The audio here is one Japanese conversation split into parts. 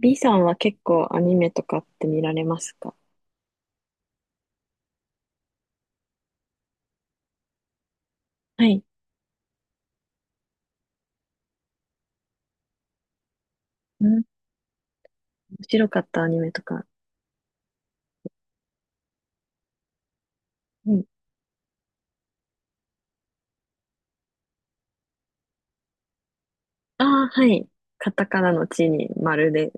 B さんは結構アニメとかって見られますか？はい。うん、面白かったアニメとか。うん。ああ、はい。カタカナの地に丸で。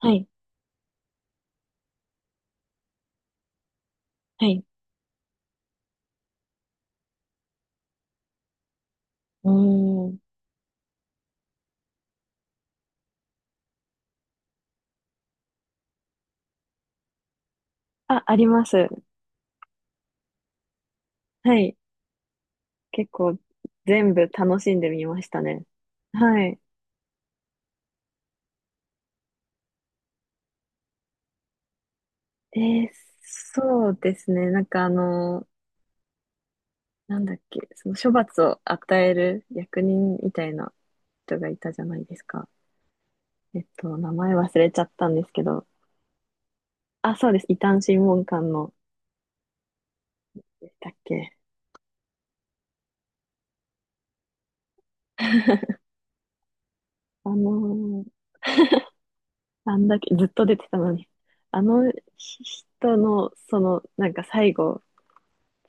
はい。はい。うーん。あ、あります。はい。結構全部楽しんでみましたね。はい。えー、そうですね。なんかあの、なんだっけ、その処罰を与える役人みたいな人がいたじゃないですか。名前忘れちゃったんですけど。あ、そうです。異端審問官の。でしたっけ？あのーあんだけずっと出てたのに、あの人の、最後、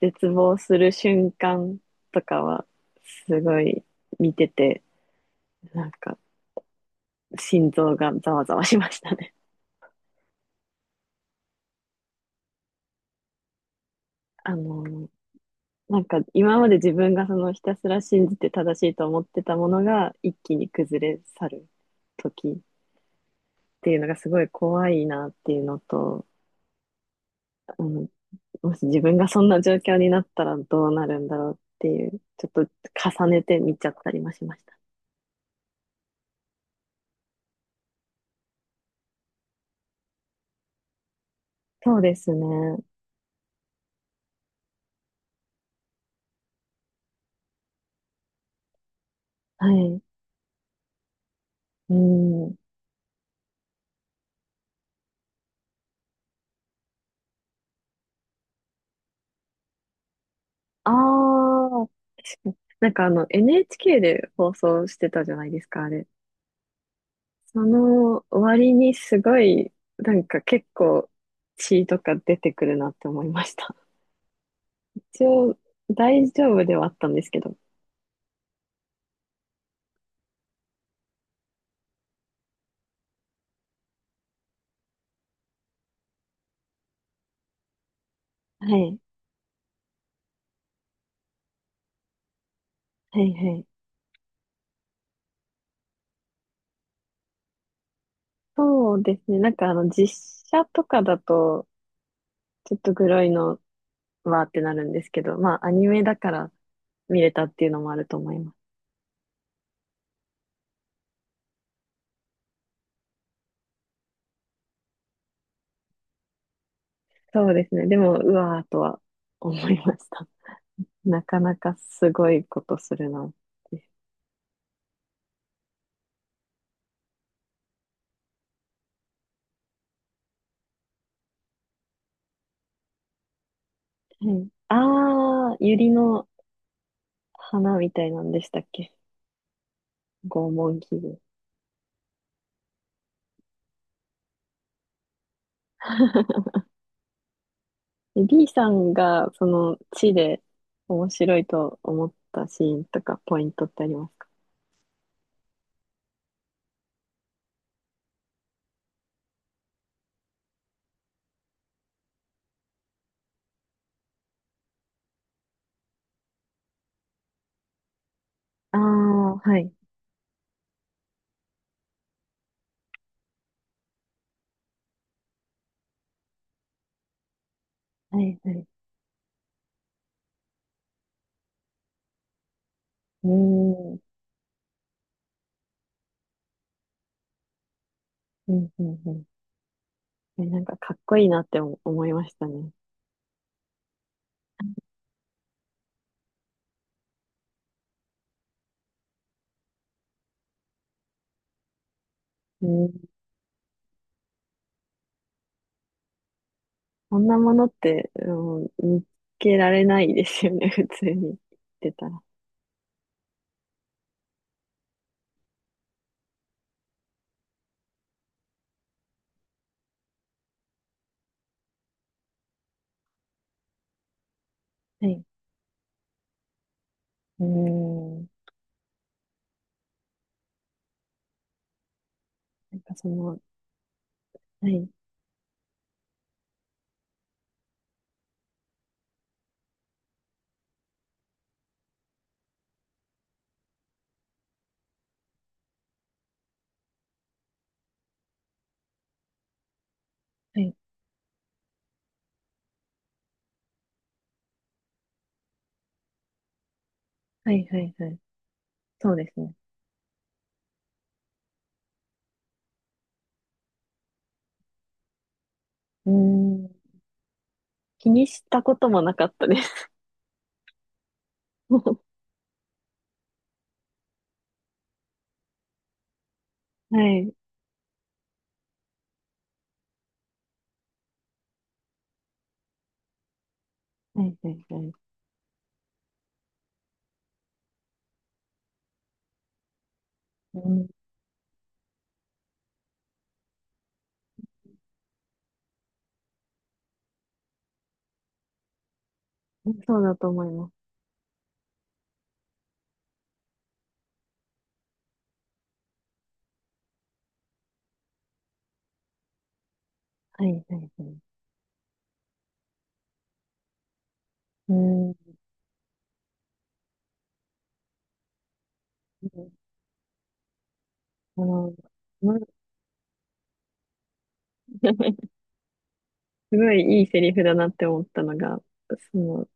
絶望する瞬間とかは、すごい見てて、なんか、心臓がざわざわしましたね。あのーなんか今まで自分がそのひたすら信じて正しいと思ってたものが一気に崩れ去る時っていうのがすごい怖いなっていうのと、あのもし自分がそんな状況になったらどうなるんだろうっていう、ちょっと重ねて見ちゃったりもしました。そうですね。はい。うん。ああ、確かに。NHK で放送してたじゃないですか、あれ。その割にすごい、結構血とか出てくるなって思いました。一応大丈夫ではあったんですけど。はい。はいはい。そうですね。実写とかだと、ちょっとグロいのわーってなるんですけど、まあ、アニメだから見れたっていうのもあると思います。そうですね。でも、うわーとは思いました。なかなかすごいことするなって。はい。あー、ユリの花みたいなんでしたっけ？拷問器具。で、 B さんが、その、地で面白いと思ったシーンとか、ポイントってありますか？ああー、はい。はい、はい。うーん。うん、うん、うん。なんか、かっこいいなって思いましたね。う、こんなものって、うん、見つけられないですよね、普通に言ってたら。はい。うーん。なんかその、はい、はい、はい、はい、はい。そうですね。うーん。気にしたこともなかったです。はい、はい、はい、はい。うん、そうだと思います。はい、はい、はい。うーん。あの、ま すごいいいセリフだなって思ったのが、その、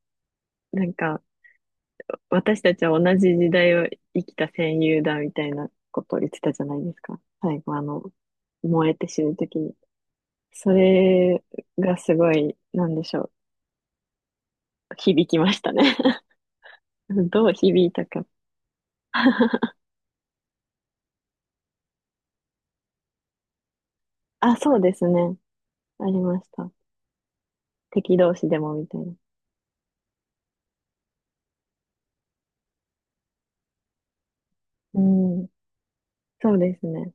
なんか、私たちは同じ時代を生きた戦友だみたいなことを言ってたじゃないですか。最後、燃えて死ぬときに。それがすごい、なんでしょう。響きましたね。どう響いたか。あ、そうですね。ありました。敵同士でもみたいな。うん。そうですね。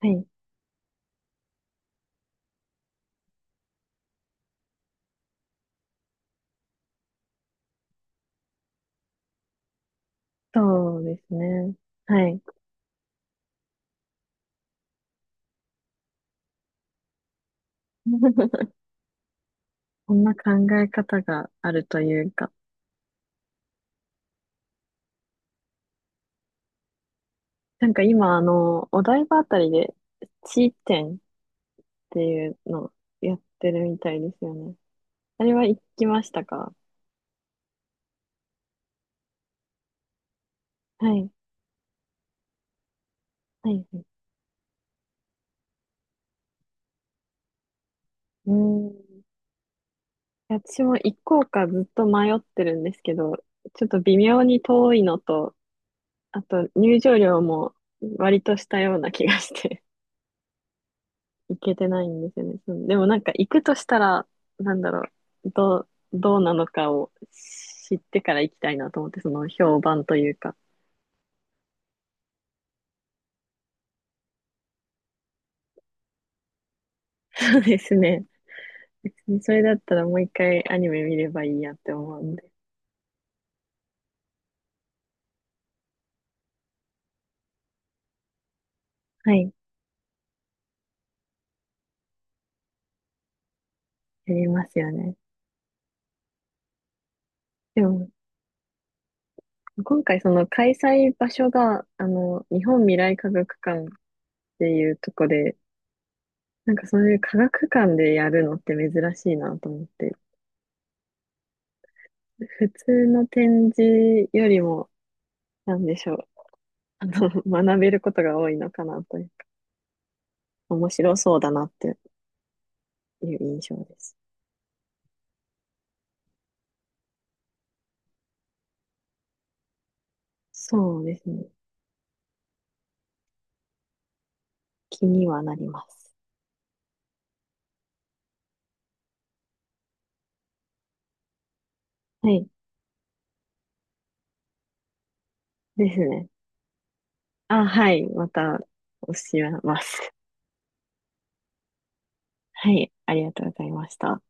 はい。そうですね。はい。こんな考え方があるというか。なんか今、お台場あたりで、地点っていうのをやってるみたいですよね。あれは行きましたか？はい。はい。うん。私も行こうかずっと迷ってるんですけど、ちょっと微妙に遠いのと、あと入場料も割としたような気がして 行けてないんですよね。そう、でもなんか行くとしたら、なんだろう、どうなのかを知ってから行きたいなと思って、その評判というか。そうですね。別にそれだったらもう一回アニメ見ればいいやって思うんで。はい。やりますよね。でも、今回その開催場所が、日本未来科学館っていうとこで、なんかそういう科学館でやるのって珍しいなと思って、普通の展示よりも、なんでしょう、あの、学べることが多いのかなというか、面白そうだなっていう印象です。そうですね。気にはなります。はい。ですね。あ、はい。また、教えます。はい。ありがとうございました。